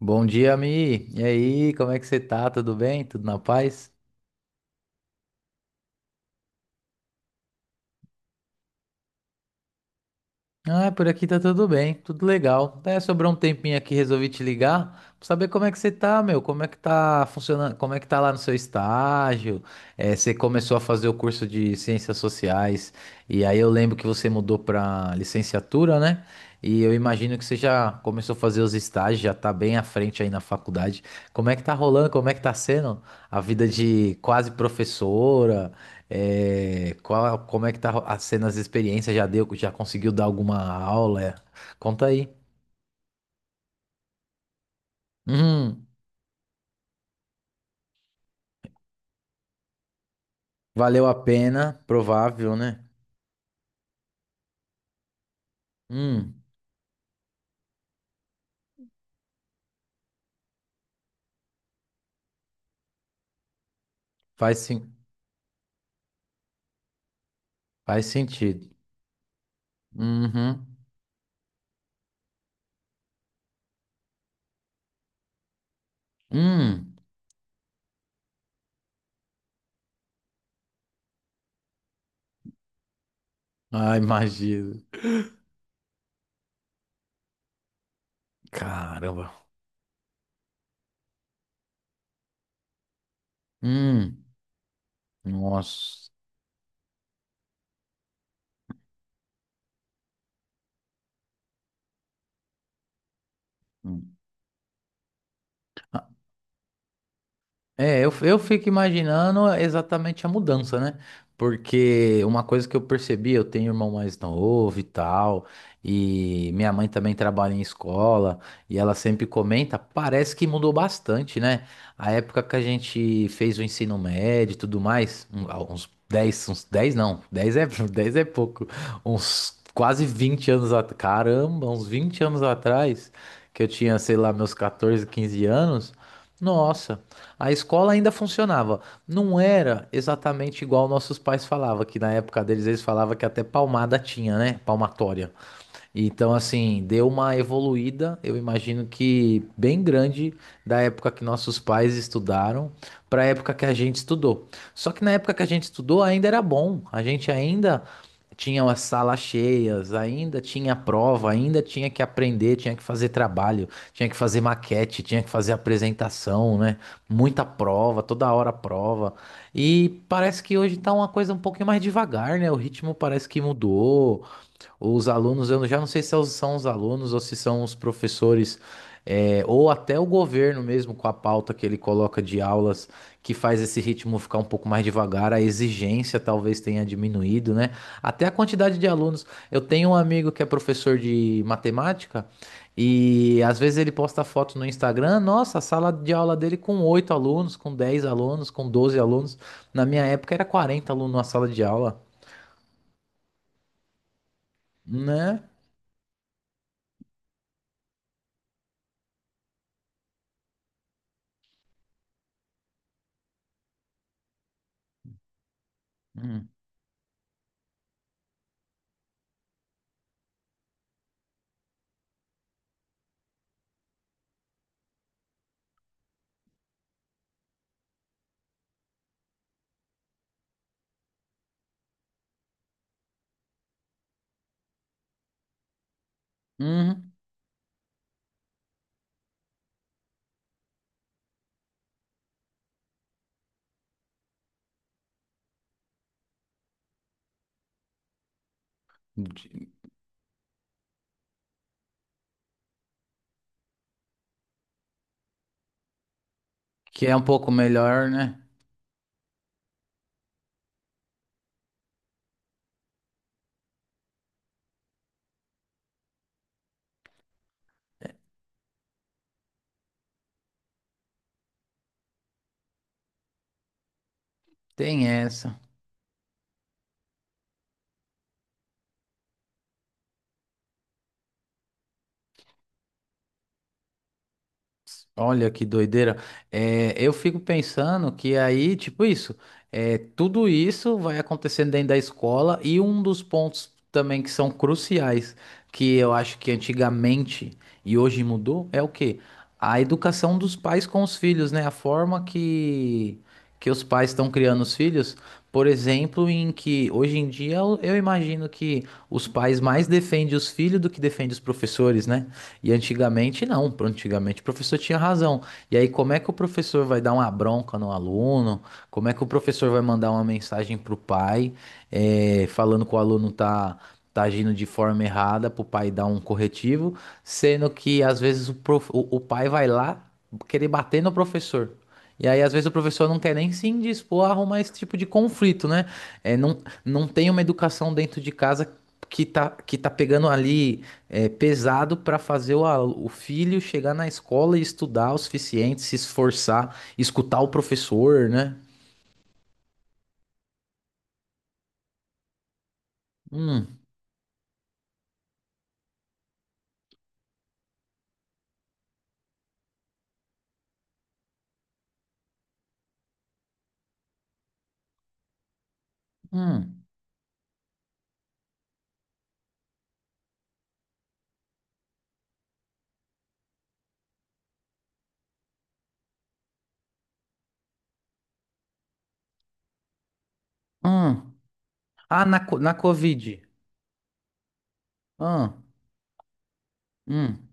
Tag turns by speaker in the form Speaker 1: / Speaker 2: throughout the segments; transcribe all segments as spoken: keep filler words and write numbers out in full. Speaker 1: Bom dia, Mi. E aí, como é que você tá? Tudo bem? Tudo na paz? Ah, por aqui tá tudo bem, tudo legal. É, sobrou um tempinho aqui, resolvi te ligar pra saber como é que você tá, meu. Como é que tá funcionando? Como é que tá lá no seu estágio? Eh, você começou a fazer o curso de Ciências Sociais, e aí eu lembro que você mudou pra licenciatura, né? E eu imagino que você já começou a fazer os estágios, já tá bem à frente aí na faculdade. Como é que tá rolando? Como é que tá sendo a vida de quase professora? É, qual, como é que tá ro- sendo as experiências? Já deu, já conseguiu dar alguma aula? É. Conta aí. Hum, valeu a pena, provável, né? Hum, faz, sen- faz sentido. Uhum. Hum, ah, imagino. Caramba. Hum, nossa. É, eu, eu fico imaginando exatamente a mudança, né? Porque uma coisa que eu percebi, eu tenho um irmão mais novo e tal, e minha mãe também trabalha em escola, e ela sempre comenta, parece que mudou bastante, né? A época que a gente fez o ensino médio e tudo mais, um- ah, uns dez, uns dez não, dez é, dez é pouco, uns quase vinte anos atrás, caramba, uns vinte anos atrás, que eu tinha, sei lá, meus catorze, quinze anos, nossa. A escola ainda funcionava. Não era exatamente igual nossos pais falavam, que na época deles eles falavam que até palmada tinha, né? Palmatória. Então, assim, deu uma evoluída, eu imagino que bem grande, da época que nossos pais estudaram para a época que a gente estudou. Só que na época que a gente estudou ainda era bom, a gente ainda tinha as salas cheias, ainda tinha prova, ainda tinha que aprender, tinha que fazer trabalho, tinha que fazer maquete, tinha que fazer apresentação, né? Muita prova, toda hora prova. E parece que hoje tá uma coisa um pouquinho mais devagar, né? O ritmo parece que mudou. Os alunos, eu já não sei se são os alunos ou se são os professores, é, ou até o governo mesmo, com a pauta que ele coloca de aulas, que faz esse ritmo ficar um pouco mais devagar, a exigência talvez tenha diminuído, né? Até a quantidade de alunos. Eu tenho um amigo que é professor de matemática e às vezes ele posta foto no Instagram, nossa, a sala de aula dele com oito alunos, com dez alunos, com doze alunos. Na minha época era quarenta alunos na sala de aula, né? Hum. Uhum. De- que é um pouco melhor, né? Tem essa. Olha que doideira. É, eu fico pensando que aí, tipo isso, é, tudo isso vai acontecendo dentro da escola e um dos pontos também que são cruciais, que eu acho que antigamente e hoje mudou, é o quê? A educação dos pais com os filhos, né? A forma que, que os pais estão criando os filhos. Por exemplo, em que hoje em dia eu eu imagino que os pais mais defendem os filhos do que defendem os professores, né? E antigamente não, antigamente o professor tinha razão. E aí, como é que o professor vai dar uma bronca no aluno? Como é que o professor vai mandar uma mensagem pro pai, eh, falando que o aluno tá, tá agindo de forma errada, pro pai dar um corretivo, sendo que às vezes o, prof- o, o pai vai lá querer bater no professor. E aí, às vezes, o professor não quer nem se indispor a arrumar esse tipo de conflito, né? É, não, não tem uma educação dentro de casa que tá, que tá pegando ali é pesado para fazer o, alu- o filho chegar na escola e estudar o suficiente, se esforçar, escutar o professor, né? Hum, hum, hum. Ah, na, co- na Covid. Ah, hum.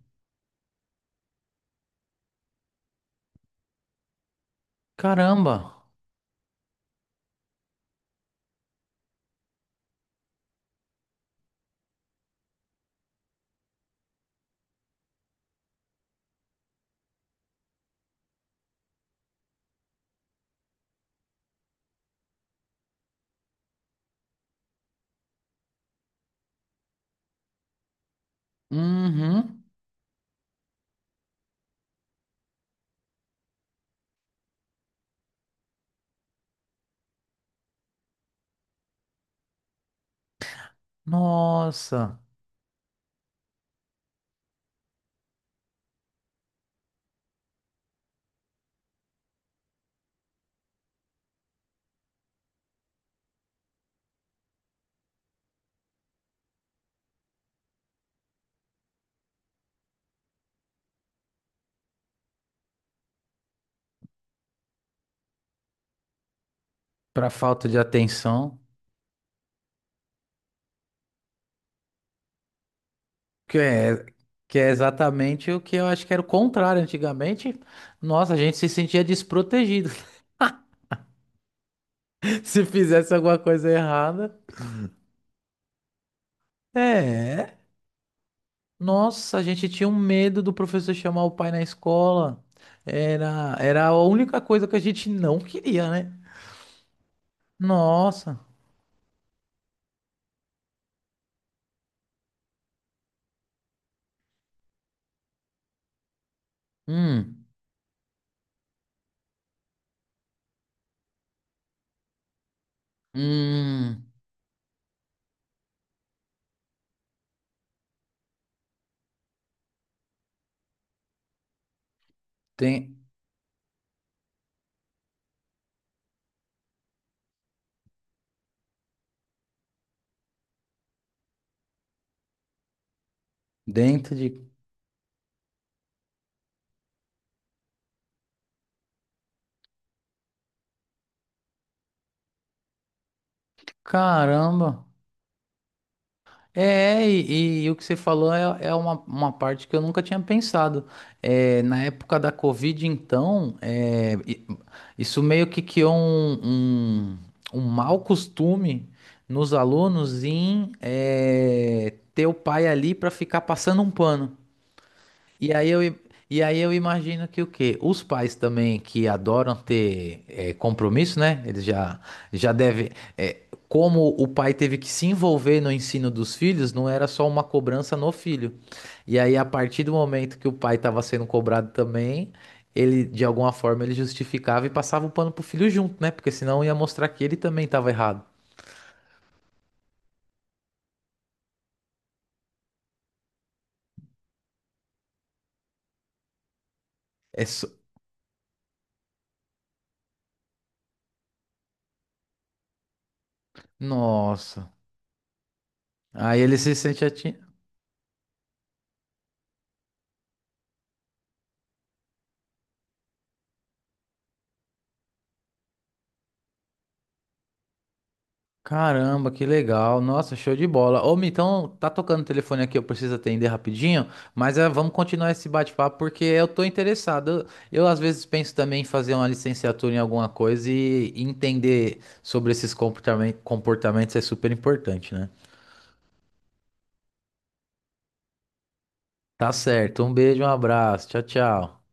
Speaker 1: Caramba. Uhum. Nossa. Para falta de atenção, que é, que é exatamente o que eu acho que era o contrário antigamente. Nossa, a gente se sentia desprotegido. Se fizesse alguma coisa errada, é. Nossa, a gente tinha um medo do professor chamar o pai na escola. Era, era a única coisa que a gente não queria, né? Nossa. Hum, hum, tem, dentro de... Caramba. É, e, e o que você falou é, é uma, uma parte que eu nunca tinha pensado. É, na época da Covid, então, é, i- isso meio que criou um, um, um mau costume nos alunos em é, ter o pai ali para ficar passando um pano. E aí eu, i- e aí eu imagino que o quê? Os pais também que adoram ter eh, compromisso, né? Eles já, já devem. Eh, como o pai teve que se envolver no ensino dos filhos, não era só uma cobrança no filho. E aí, a partir do momento que o pai estava sendo cobrado também, ele, de alguma forma, ele justificava e passava o pano pro filho junto, né? Porque senão ia mostrar que ele também estava errado. É só- Nossa. Aí ele se sente atingido. Caramba, que legal. Nossa, show de bola. Ô, Mi, então tá tocando o telefone aqui, eu preciso atender rapidinho, mas eh, vamos continuar esse bate-papo porque eu tô interessado. Eu, eu, às vezes penso também em fazer uma licenciatura em alguma coisa e entender sobre esses comportamen- comportamentos é super importante, né? Tá certo. Um beijo, um abraço. Tchau, tchau.